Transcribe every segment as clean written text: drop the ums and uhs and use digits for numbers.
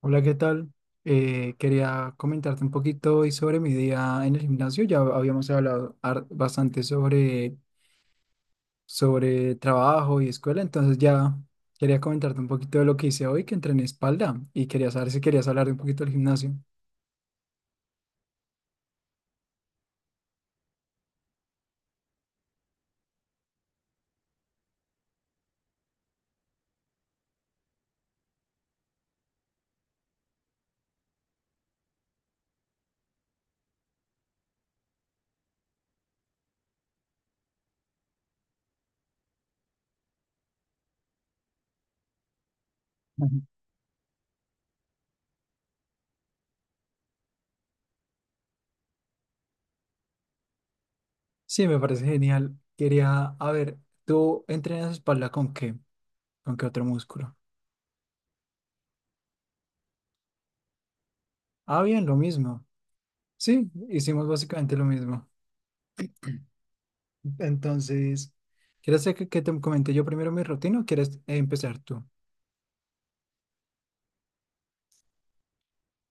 Hola, ¿qué tal? Quería comentarte un poquito hoy sobre mi día en el gimnasio. Ya habíamos hablado bastante sobre trabajo y escuela, entonces ya quería comentarte un poquito de lo que hice hoy, que entrené espalda y quería saber si querías hablar un poquito del gimnasio. Ujú. Sí, me parece genial. Quería, a ver, ¿tú entrenas espalda con qué? ¿Con qué otro músculo? Ah, bien, lo mismo. Sí, hicimos básicamente lo mismo. Entonces, ¿quieres que te comente yo primero mi rutina o quieres empezar tú?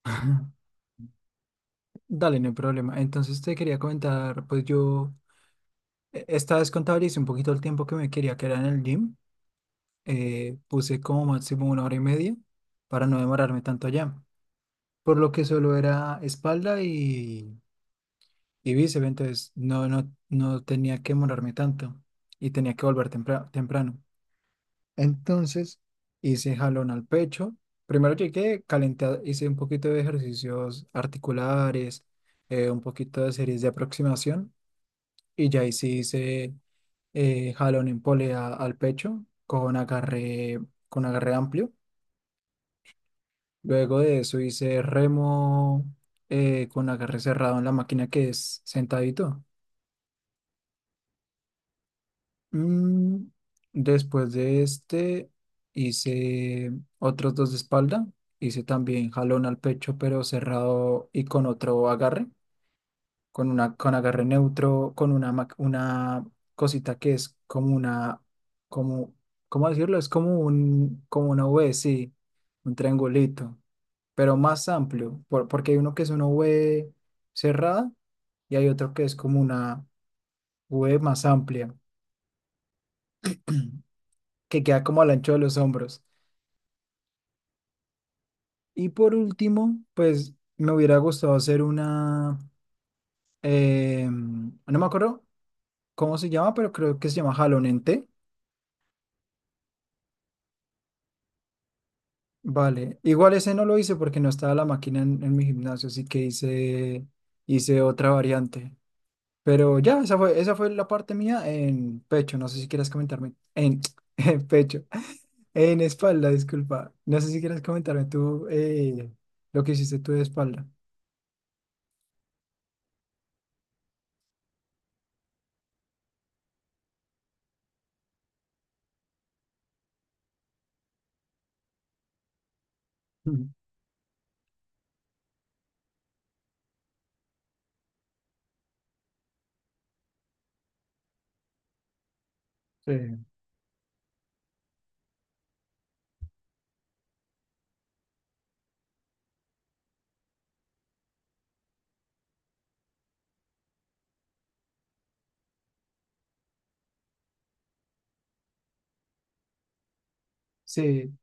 Dale, no hay problema. Entonces te quería comentar, pues yo esta vez contabilicé un poquito el tiempo que me quería quedar en el gym. Puse como máximo una hora y media para no demorarme tanto allá. Por lo que solo era espalda y bíceps, entonces no, no, no tenía que demorarme tanto y tenía que volver temprano. Entonces hice jalón al pecho. Primero llegué, calenté, hice un poquito de ejercicios articulares, un poquito de series de aproximación y ya ahí sí hice jalón en polea al pecho con con agarre amplio. Luego de eso hice remo con agarre cerrado en la máquina que es sentadito. Mm, Después de este, hice otros dos de espalda. Hice también jalón al pecho, pero cerrado y con otro agarre, con agarre neutro, una cosita que es como una, como, ¿cómo decirlo? Es como una V, sí, un triangulito, pero más amplio, porque hay uno que es una V cerrada y hay otro que es como una V más amplia, que queda como al ancho de los hombros. Y por último, pues me hubiera gustado hacer una, no me acuerdo cómo se llama, pero creo que se llama jalón en té. Vale, igual ese no lo hice porque no estaba la máquina en mi gimnasio, así que hice otra variante. Pero ya, esa fue la parte mía en pecho, no sé si quieras comentarme, en, en pecho, en espalda, disculpa. No sé si quieras comentarme tú lo que hiciste tú de espalda. Ujú. Sí. Sí,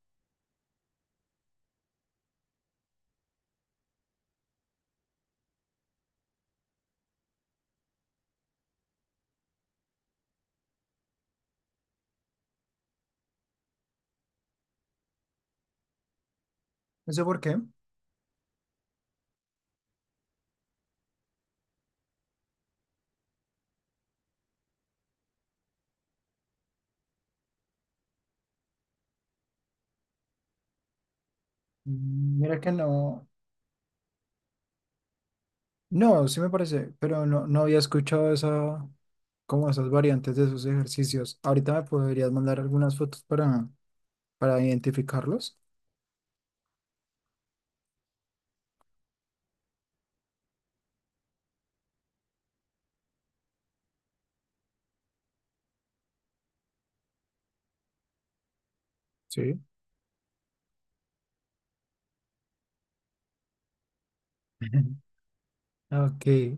no sé por qué. Mm, mira que no. No, sí me parece, pero no, no había escuchado esa, como esas variantes de esos ejercicios. Ahorita me podrías mandar algunas fotos para identificarlos. Sí. Ok,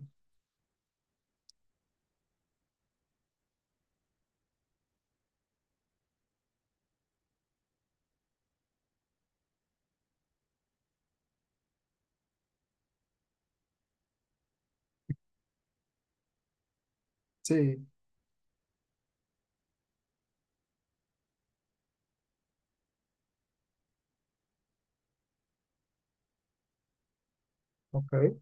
sí, ok.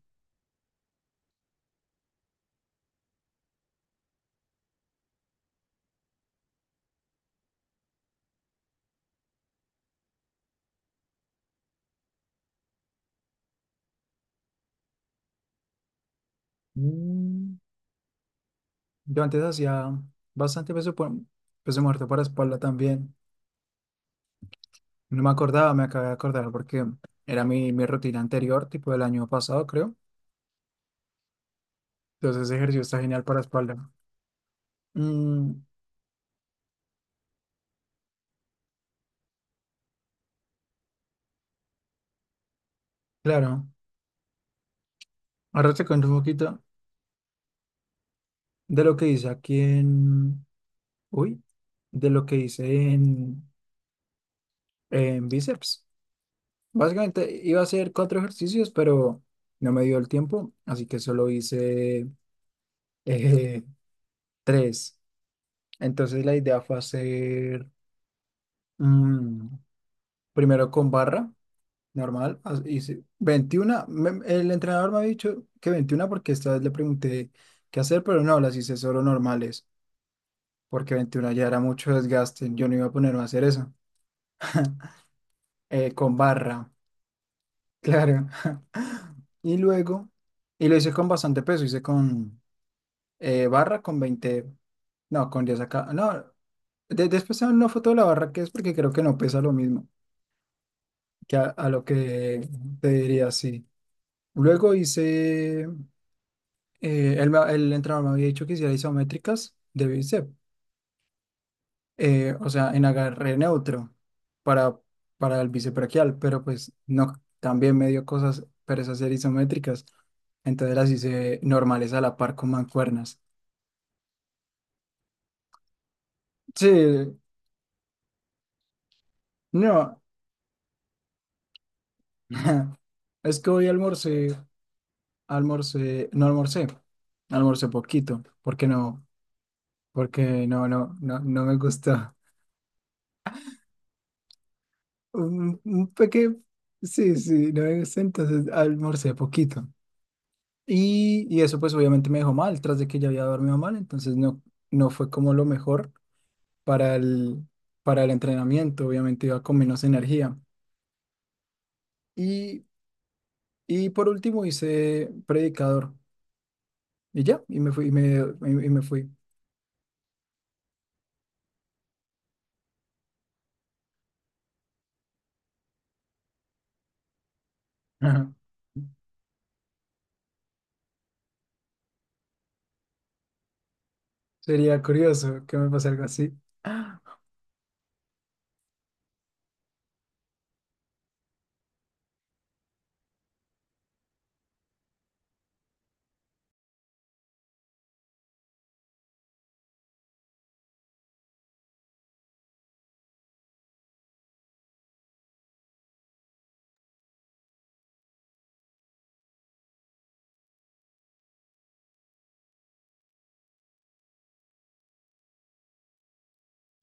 Mm, yo antes hacía bastante peso, peso muerto para espalda también. No me acordaba, me acabé de acordar porque era mi rutina anterior, tipo del año pasado, creo. Entonces ese ejercicio está genial para espalda. Mm, claro, ahora te cuento un poquito. De lo que dice aquí uy, de lo que hice en, en bíceps. Básicamente iba a hacer cuatro ejercicios, pero no me dio el tiempo, así que solo hice eh, tres. Entonces la idea fue hacer mm, primero con barra normal, hice 21 el entrenador me había dicho que 21 porque esta vez le pregunté qué hacer, pero no, las hice solo normales, porque 21 ya era mucho desgaste, yo no iba a ponerme a hacer eso. Con barra, claro. Y luego, y lo hice con bastante peso, hice con barra, con 20, no, con 10 acá. No, después te mando una foto de la barra que es porque creo que no pesa lo mismo que a lo que te diría sí. Luego hice, entrenador me había dicho que hiciera isométricas de bíceps. O sea, en agarré neutro para, para el bisebraquial, pero pues no, también me dio cosas, pero esas eran isométricas, entonces las hice normales a la par con mancuernas. Sí, no, es que hoy almorcé, no almorcé, almorcé poquito, porque no, no, no, no me gusta. Un pequeño, sí, sí, no me gusta, entonces almorcé poquito. Y eso pues obviamente me dejó mal, tras de que ya había dormido mal, entonces no, no fue como lo mejor para el, para el entrenamiento, obviamente iba con menos energía. Y, y por último hice predicador y ya, y me fui, y me fui. Ajá. Sería curioso que me pase algo así.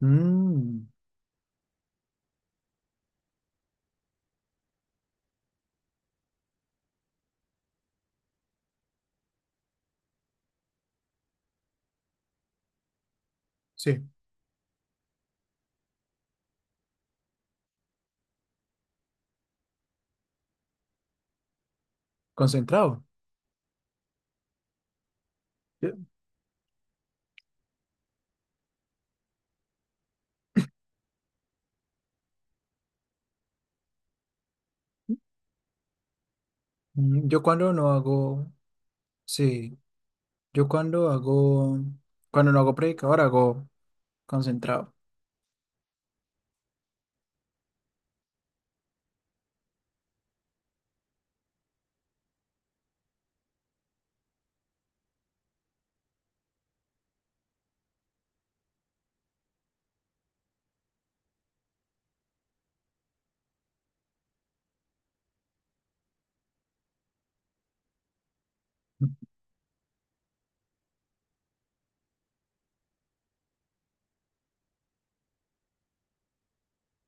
Mm, sí, concentrado. Yo, yo cuando no hago, sí, yo cuando no hago predicador hago concentrado.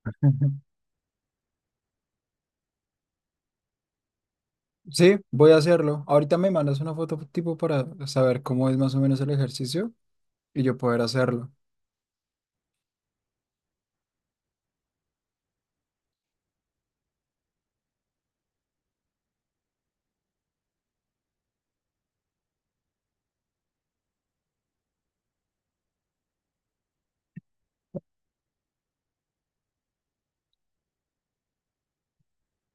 Sí, voy a hacerlo. Ahorita me mandas una foto tipo para saber cómo es más o menos el ejercicio y yo poder hacerlo.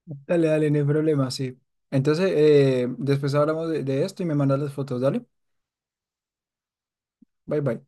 Dale, dale, no hay problema, sí. Entonces, después hablamos de esto y me mandas las fotos, dale. Bye, bye.